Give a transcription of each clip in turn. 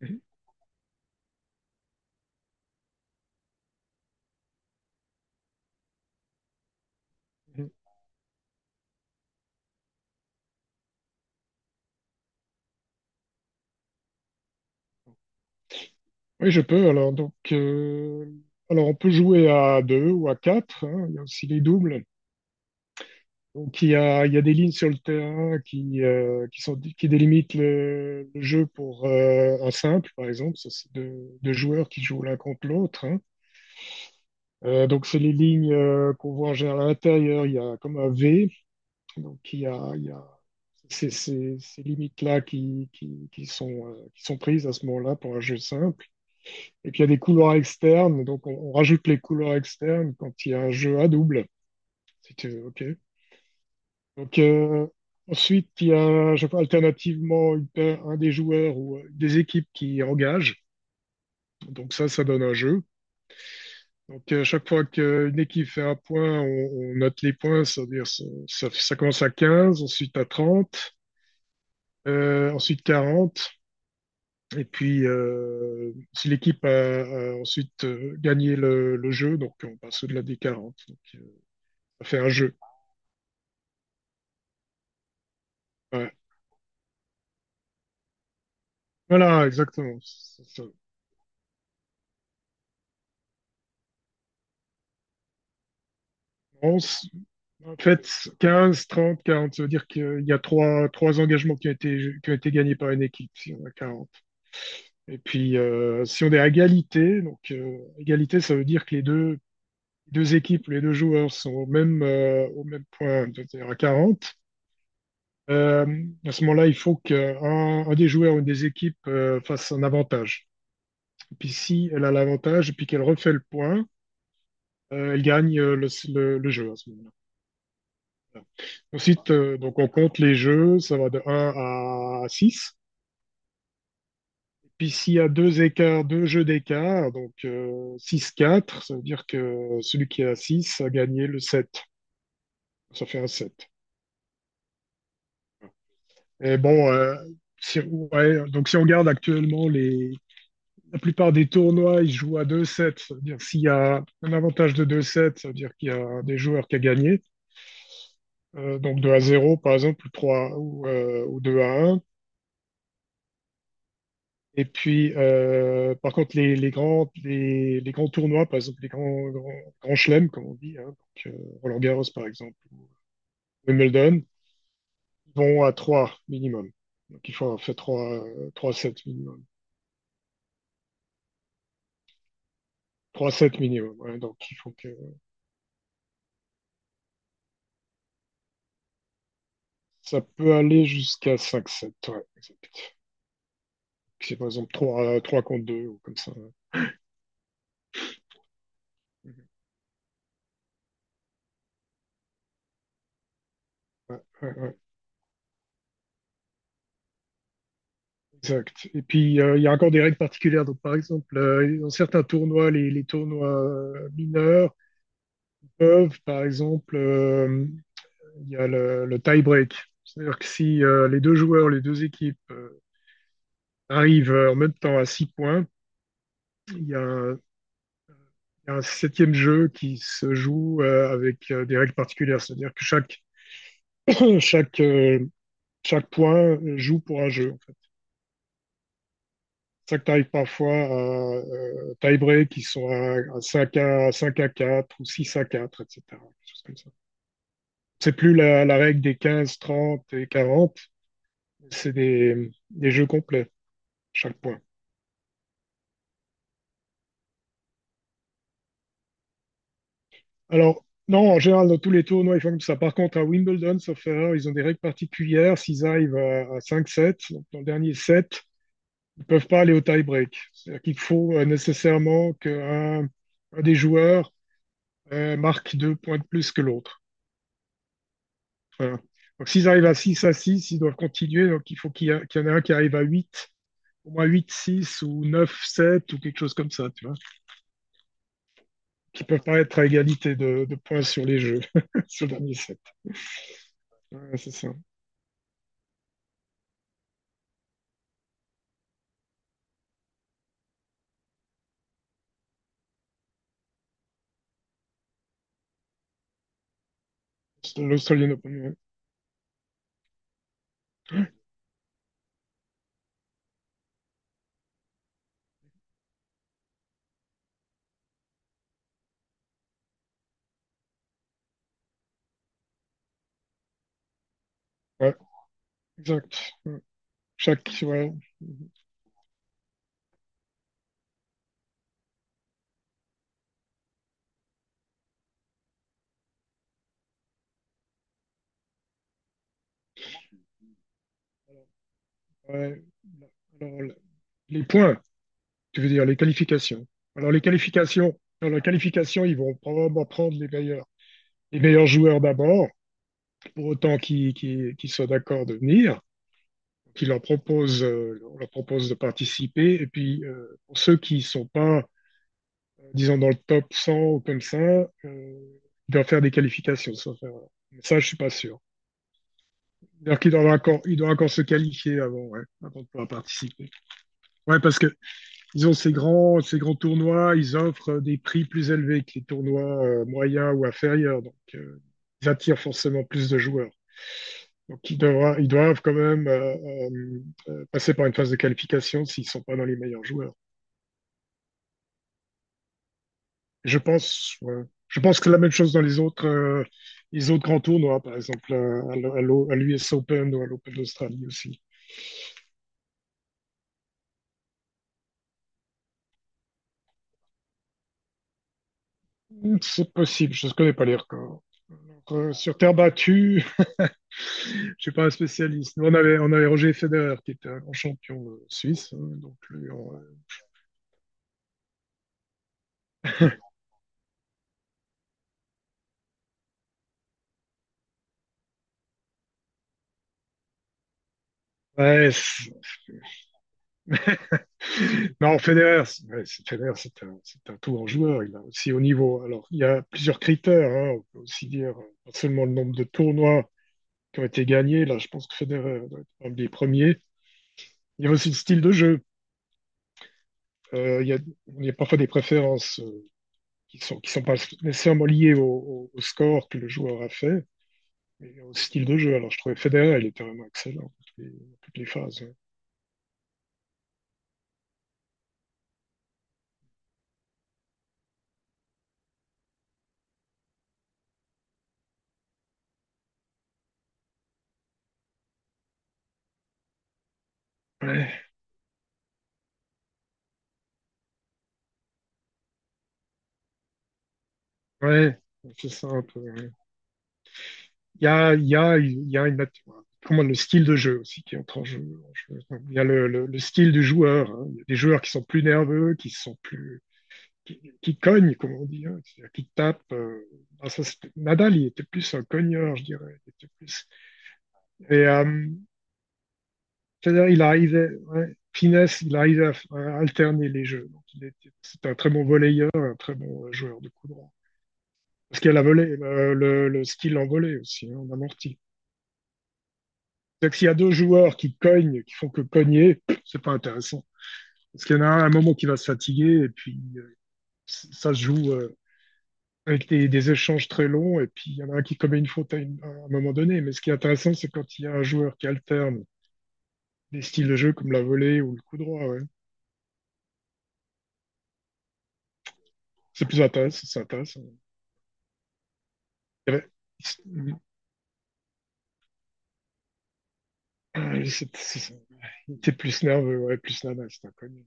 Mhm. Mhm. Oui, je peux. Alors, donc, on peut jouer à deux ou à quatre, hein. Il y a aussi les doubles. Donc, il y a des lignes sur le terrain qui sont, qui délimitent le jeu pour un simple, par exemple. Ça, c'est deux joueurs qui jouent l'un contre l'autre, hein. Donc, c'est les lignes qu'on voit en général à l'intérieur. Il y a comme un V. Donc, il y a ces limites-là qui sont prises à ce moment-là pour un jeu simple. Et puis il y a des couloirs externes, donc on rajoute les couloirs externes quand il y a un jeu à double, si tu veux, ok. Donc, ensuite, il y a je sais pas, alternativement un des joueurs ou des équipes qui engagent, donc ça donne un jeu. Donc, chaque fois qu'une équipe fait un point, on note les points, c'est-à-dire ça commence à 15, ensuite à 30, ensuite 40, et puis si l'équipe a ensuite gagné le jeu, donc on passe au-delà des 40. Donc, ça fait un jeu. Ouais. Voilà, exactement. C'est ça. On s- En fait, 15 30 40 ça veut dire qu'il y a trois engagements qui ont été gagnés par une équipe, si on a quarante. Et puis, si on est à égalité, donc égalité, ça veut dire que les deux équipes, les deux joueurs sont au même point, c'est-à-dire à 40. À ce moment-là, il faut qu'un des joueurs ou une des équipes fasse un avantage. Et puis, si elle a l'avantage et puis qu'elle refait le point, elle gagne le jeu à ce moment-là. Voilà. Ensuite, donc on compte les jeux, ça va de un à 6. Puis s'il y a deux écarts, deux jeux d'écart, donc 6-4, ça veut dire que celui qui est à 6 a gagné le 7. Ça fait un 7. Et bon, ouais, donc si on regarde actuellement les... La plupart des tournois, ils jouent à deux 7. Ça veut dire s'il y a un avantage de deux 7, ça veut dire qu'il y a un des joueurs qui a gagné. Donc 2-0 par exemple, ou 3 ou 2-1. Et puis, par contre, les grands tournois, par exemple, les grands chelems, comme on dit, hein, donc, euh, Roland-Garros, par exemple, Wimbledon, vont à 3 minimum. Donc, il faut avoir fait trois sets minimum. Trois sets minimum, ouais, donc il faut que ça peut aller jusqu'à 5 sets, ouais. C'est par exemple 3 3 contre 2 ou comme ça. Ouais, ouais, ouais, exact. Et puis, il y a encore des règles particulières. Donc, par exemple, dans certains tournois, les tournois mineurs, peuvent, par exemple, il y a le tie-break. C'est-à-dire que si les deux joueurs, les deux équipes arrivent en même temps à six points, il y a un, il y a un septième jeu qui se joue avec des règles particulières. C'est-à-dire que chaque, euh, chaque point joue pour un jeu. En fait. C'est ça que tu arrives parfois à tie-break qui sont à 5 à, 5 à 4 ou 6 à 4, etc. Quelque chose comme ça. C'est plus la règle des 15, 30 et 40. C'est des jeux complets, chaque point. Alors, non, en général, dans tous les tournois, ils font comme ça. Par contre, à Wimbledon, sauf erreur, ils ont des règles particulières. S'ils arrivent à 5-7, donc dans le dernier set, ils ne peuvent pas aller au tie-break. C'est-à-dire qu'il faut nécessairement qu'un des joueurs marque deux points de plus que l'autre. Voilà. Donc, s'ils arrivent à 6 à 6, ils doivent continuer. Donc, il faut qu'il y en ait un qui arrive à 8, au moins 8-6 ou 9-7 ou quelque chose comme ça. Tu vois. Qui peuvent pas être à égalité de points sur les jeux, sur le dernier set. Ouais, c'est ça. C'est l'Australian Open. Ouais, ouais, exact. Ouais. Chaque. Ouais. Ouais. Alors, les points, tu veux dire les qualifications. Alors, les qualifications, dans la qualification, ils vont probablement prendre les meilleurs joueurs d'abord, pour autant qu'ils soient d'accord de venir. On leur propose de participer. Et puis, pour ceux qui sont pas disons dans le top 100 ou comme ça, il doit faire des qualifications. Ça je suis pas sûr. C'est-à-dire qu'il doit encore se qualifier avant, ouais, avant de pouvoir participer. Ouais, parce que ils ont ces grands tournois, ils offrent des prix plus élevés que les tournois moyens ou inférieurs, donc ils attirent forcément plus de joueurs. Donc ils doivent quand même passer par une phase de qualification s'ils sont pas dans les meilleurs joueurs. Je pense, ouais. Je pense que la même chose dans les autres grands tournois, par exemple à l'US Open ou à l'Open d'Australie aussi. C'est possible, je ne connais pas les records. Sur terre battue, je suis pas un spécialiste. Nous, on avait Roger Federer qui était un grand champion suisse, hein, donc lui, ouais, non, Federer, c'est un tout grand joueur, il a aussi au niveau. Alors, il y a plusieurs critères, hein, on peut aussi dire, pas seulement le nombre de tournois, qui ont été gagnés. Là, je pense que Federer doit être un des premiers. Il y a aussi le style de jeu. Euh, il y a, il y a parfois des préférences qui sont pas nécessairement liées au score que le joueur a fait, mais au style de jeu. Alors, je trouvais Federer, il était vraiment excellent dans toutes les phases. Ouais, ouais, ouais, c'est ça un peu. Il y a, il y a, il y a comment le style de jeu aussi qui entre en jeu. Il y a le style du joueur, hein. Il y a des joueurs qui sont plus nerveux, qui sont plus qui cogne, comme on dit, hein, c'est-à-dire qui tape. Nadal, il était plus un cogneur, je dirais. Il était plus... Et c'est-à-dire, il arrivait, ouais, finesse, il arrivait à alterner les jeux. Donc, il était, c'est un très bon volleyeur, un très bon joueur de coup droit. Parce qu'il y a la volée, le skill en volée aussi, hein, en amorti. C'est-à-dire que s'il y a deux joueurs qui cognent, qui font que cogner, c'est pas intéressant. Parce qu'il y en a un à un moment qui va se fatiguer et puis ça se joue, avec des échanges très longs, et puis il y en a un qui commet une faute à un moment donné. Mais ce qui est intéressant, c'est quand il y a un joueur qui alterne des styles de jeu comme la volée ou le coup droit, ouais. C'est plus intéressant, c'est intéressant. Il y avait- c'est- Il était plus nerveux, ouais, plus nerveux, c'est inconnu.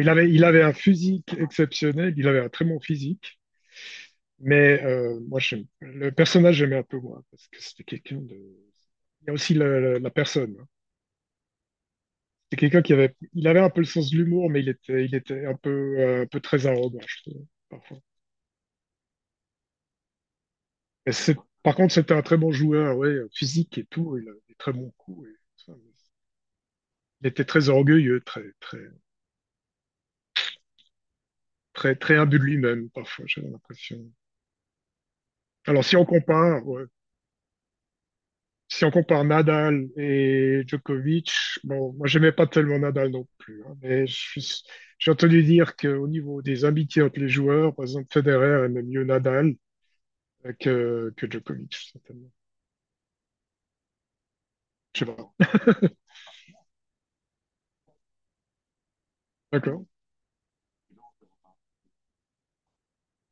Il avait un physique exceptionnel, il avait un très bon physique, mais moi, le personnage, j'aimais un peu moins, parce que c'était quelqu'un de... Il y a aussi la personne. C'est quelqu'un qui avait, il avait un peu le sens de l'humour, mais il était un peu très arrogant, je trouve, parfois. Mais c'est- Par contre, c'était un très bon joueur, ouais, physique et tout, il a des très bons coups, et tout ça, mais il était très orgueilleux, très, très, très, très imbu de lui-même, parfois, j'ai l'impression. Alors, si on compare, ouais, si on compare Nadal et Djokovic, bon, moi, j'aimais pas tellement Nadal non plus, hein, mais j'ai entendu dire qu'au niveau des amitiés entre les joueurs, par exemple, Federer aimait mieux Nadal que Djokovic, certainement. Je sais pas. D'accord.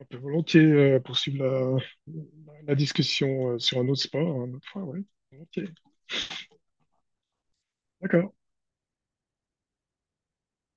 On peut volontiers poursuivre la discussion sur un autre sport, une autre fois, oui. Ok. D'accord.